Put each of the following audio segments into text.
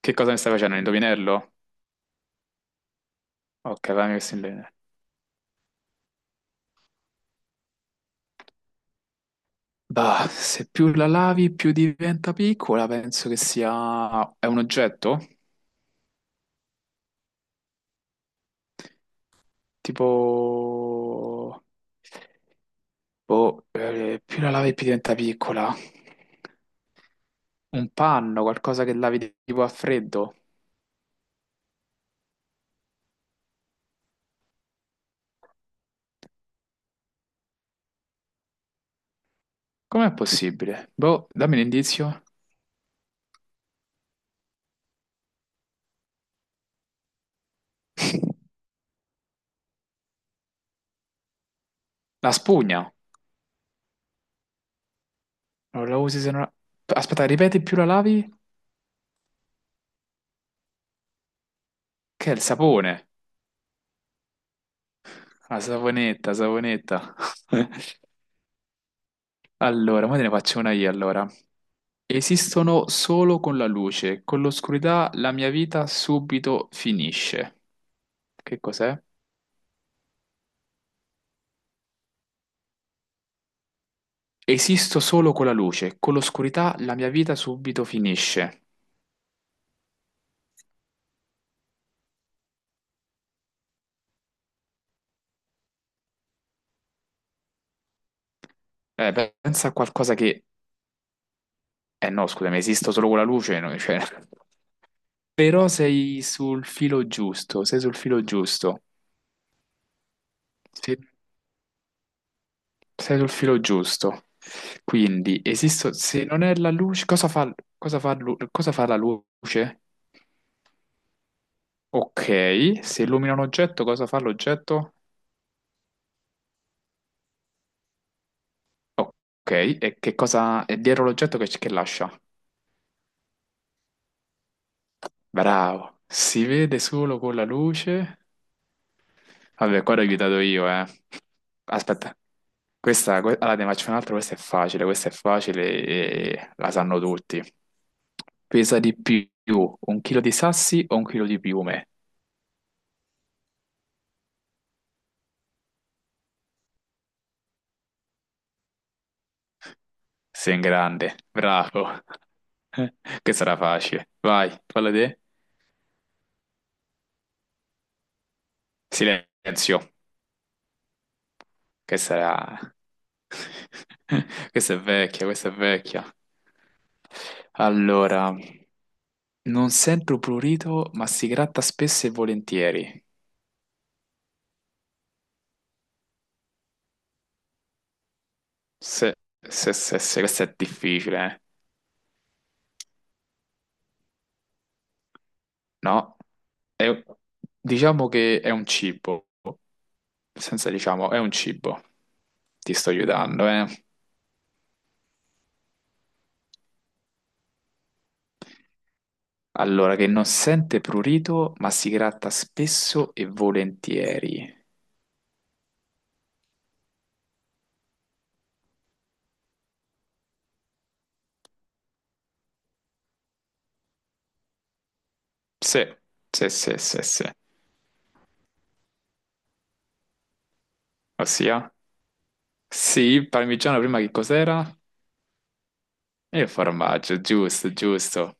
Che cosa mi stai facendo? Un indovinello? Ok, fammi questo indovinello. Bah, se più la lavi, più diventa piccola, penso che sia... È un oggetto? Tipo... Boh, più la lavi, più diventa piccola. Un panno, qualcosa che lavi tipo a freddo. Com'è possibile? Boh, dammi un indizio. La spugna. Non la usi se non... la- Aspetta, ripeti, più la lavi? Che è il sapone. La saponetta, saponetta. Allora, ora te ne faccio una io allora. Esistono solo con la luce, con l'oscurità la mia vita subito finisce. Che cos'è? Esisto solo con la luce, con l'oscurità la mia vita subito finisce. Beh, pensa a qualcosa che... Eh no, scusami, esisto solo con la luce, no, cioè... Però sei sul filo giusto, sei sul filo giusto. Se- Sei sul filo giusto. Quindi, esisto... Se non è la luce, cosa fa la luce? Ok, se illumina un oggetto, cosa fa l'oggetto? Ok, e che cosa è dietro l'oggetto che lascia? Bravo, si vede solo con la luce. Vabbè, qua l'ho aiutato io, eh. Aspetta, questa, que- allora, ne faccio un'altra, questa è facile e la sanno tutti. Pesa di più un chilo di sassi o un chilo di piume? Sei in grande, bravo. Questa era facile. Vai, falla te. Silenzio. Questa era... Questa è vecchia, questa è vecchia. Allora, non sento prurito, ma si gratta spesso e volentieri. Se, se, questa è difficile, eh. No? È- diciamo che è un cibo. Senza diciamo, è un cibo. Ti sto aiutando, eh. Allora, che non sente prurito, ma si gratta spesso e volentieri. Sì, sì, sì, sì, sì. Ossia? Sì, parmigiano prima che cos'era? E il formaggio, giusto, giusto.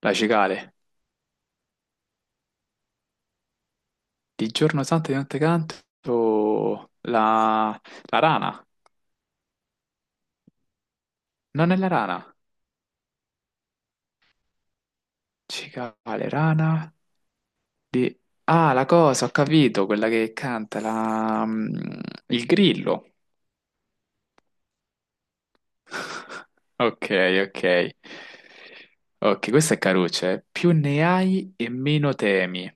La cicale. Di giorno santo e di notte canto la, la rana. Non è la rana. Cicale, rana. Di... Ah, la cosa, ho capito, quella che canta, la... mm, il grillo. Ok, ok. Ok, questa è caruccia, eh. Più ne hai e meno temi.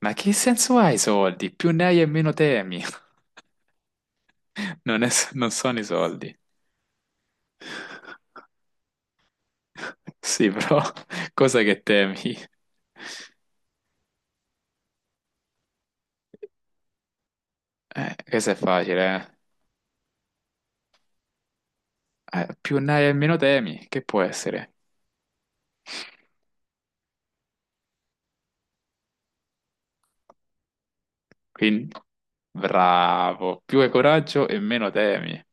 Ma che senso ha i soldi? Più ne hai e meno temi. Non, è- non sono i soldi. Sì, però cosa che temi? Questo è facile, eh. Più ne hai e meno temi, che può essere? Quindi, bravo, più hai coraggio e meno temi.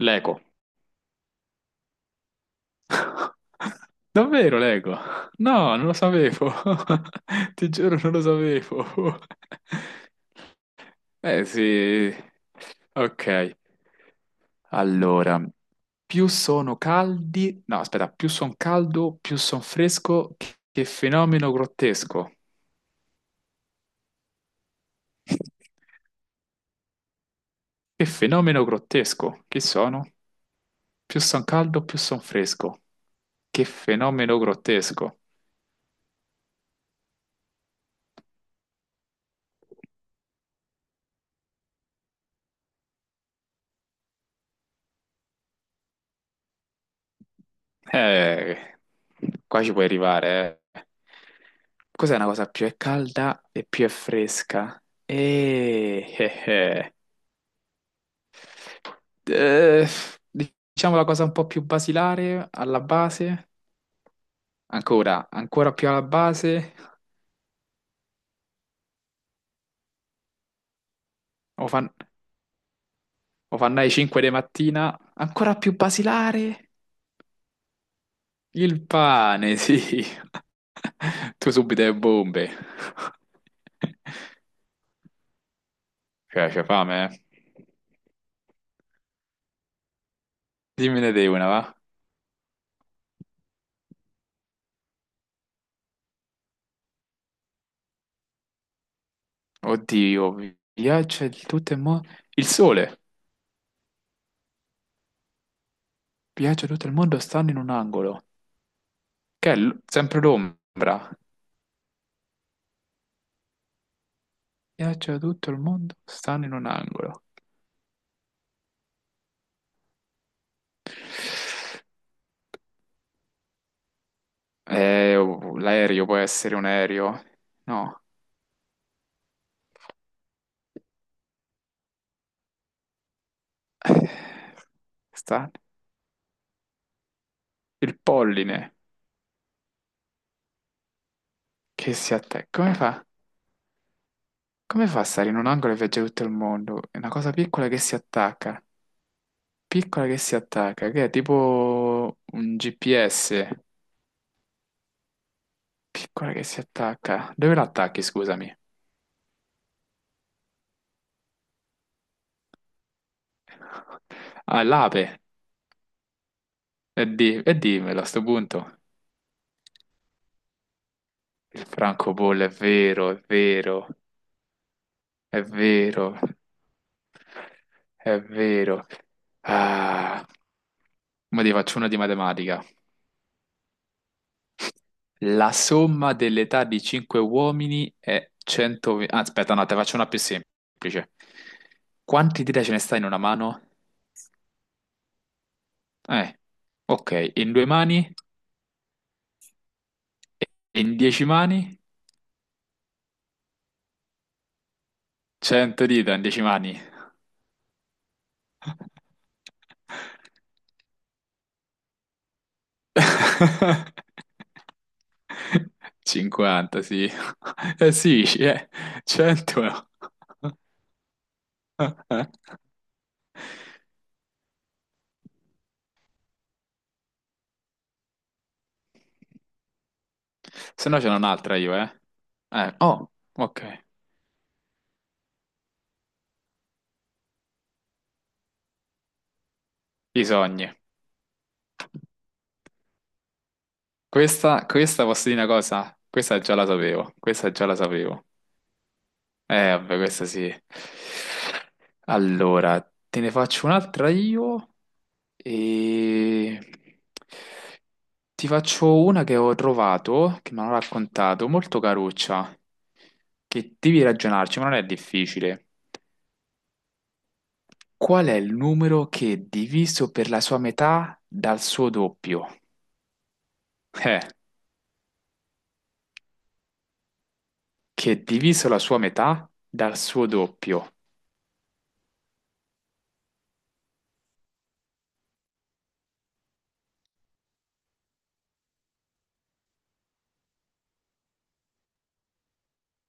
L'eco. Davvero l'eco? No, non lo sapevo. Ti giuro, non lo sapevo. Eh sì. Ok, allora. Più sono caldi, no, aspetta, più son caldo, più son fresco. Che fenomeno grottesco. Che fenomeno grottesco. Che sono? Più son caldo, più son fresco. Che fenomeno grottesco. Eh, qua ci puoi arrivare, eh. Cos'è una cosa più è calda e più è fresca? Eh. Eh, diciamo la cosa un po' più basilare alla base. Ancora, ancora più alla base, o fan, o fanno alle 5 di mattina, ancora più basilare, il pane, sì. Tu subito le bombe. Cioè, c'è fame, eh? Dimmene te una, va? Oddio, viaggia di tutto il mondo. Il sole, viaggia di tutto il mondo, stanno in un angolo. Che è l- sempre l'ombra. Viaggia di tutto il mondo, stanno in un angolo. Oh, l'aereo può essere un aereo? No. Eh, sta il polline che si attacca. Come fa? Come fa a stare in un angolo e viaggiare tutto il mondo? È una cosa piccola che si attacca. Piccola che si attacca, che è tipo un GPS. Piccola che si attacca. Dove l'attacchi, scusami? Ah, l'ape. E, di- e dimmelo a sto punto. Il francobollo è vero, è vero, è vero, è vero. Ah, ma ti faccio una di matematica. La somma dell'età di 5 uomini è 120... Ah, aspetta, no, te faccio una più semplice. Quanti dita ce ne sta in una mano? Eh, ok, in due mani, e in 10 mani, 100 dita in 10 mani. 50, sì. Eh sì, 100. Se no ce n'ho un'altra io, eh. Oh, ok. I sogni. Questa posso dire una cosa? Questa già la sapevo, questa già la sapevo. Vabbè, questa sì. Allora, te ne faccio un'altra io e ti faccio una che ho trovato, che mi hanno raccontato, molto caruccia, che devi ragionarci, ma non è difficile. Qual è il numero che è diviso per la sua metà dal suo doppio? Eh, che è diviso la sua metà dal suo doppio.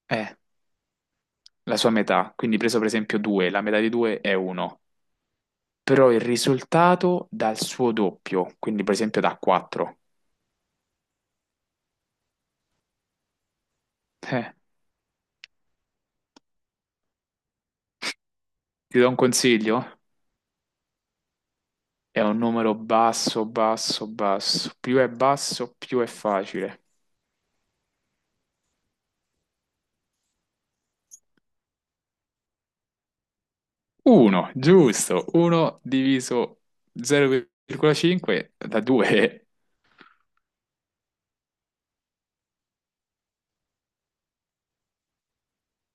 È la sua metà, quindi preso per esempio 2, la metà di 2 è 1, però il risultato dà il suo doppio, quindi per esempio da 4. Eh, ti do un consiglio? È un numero basso, basso, basso. Più è basso, più è facile. 1, giusto, 1 diviso 0,5 da 2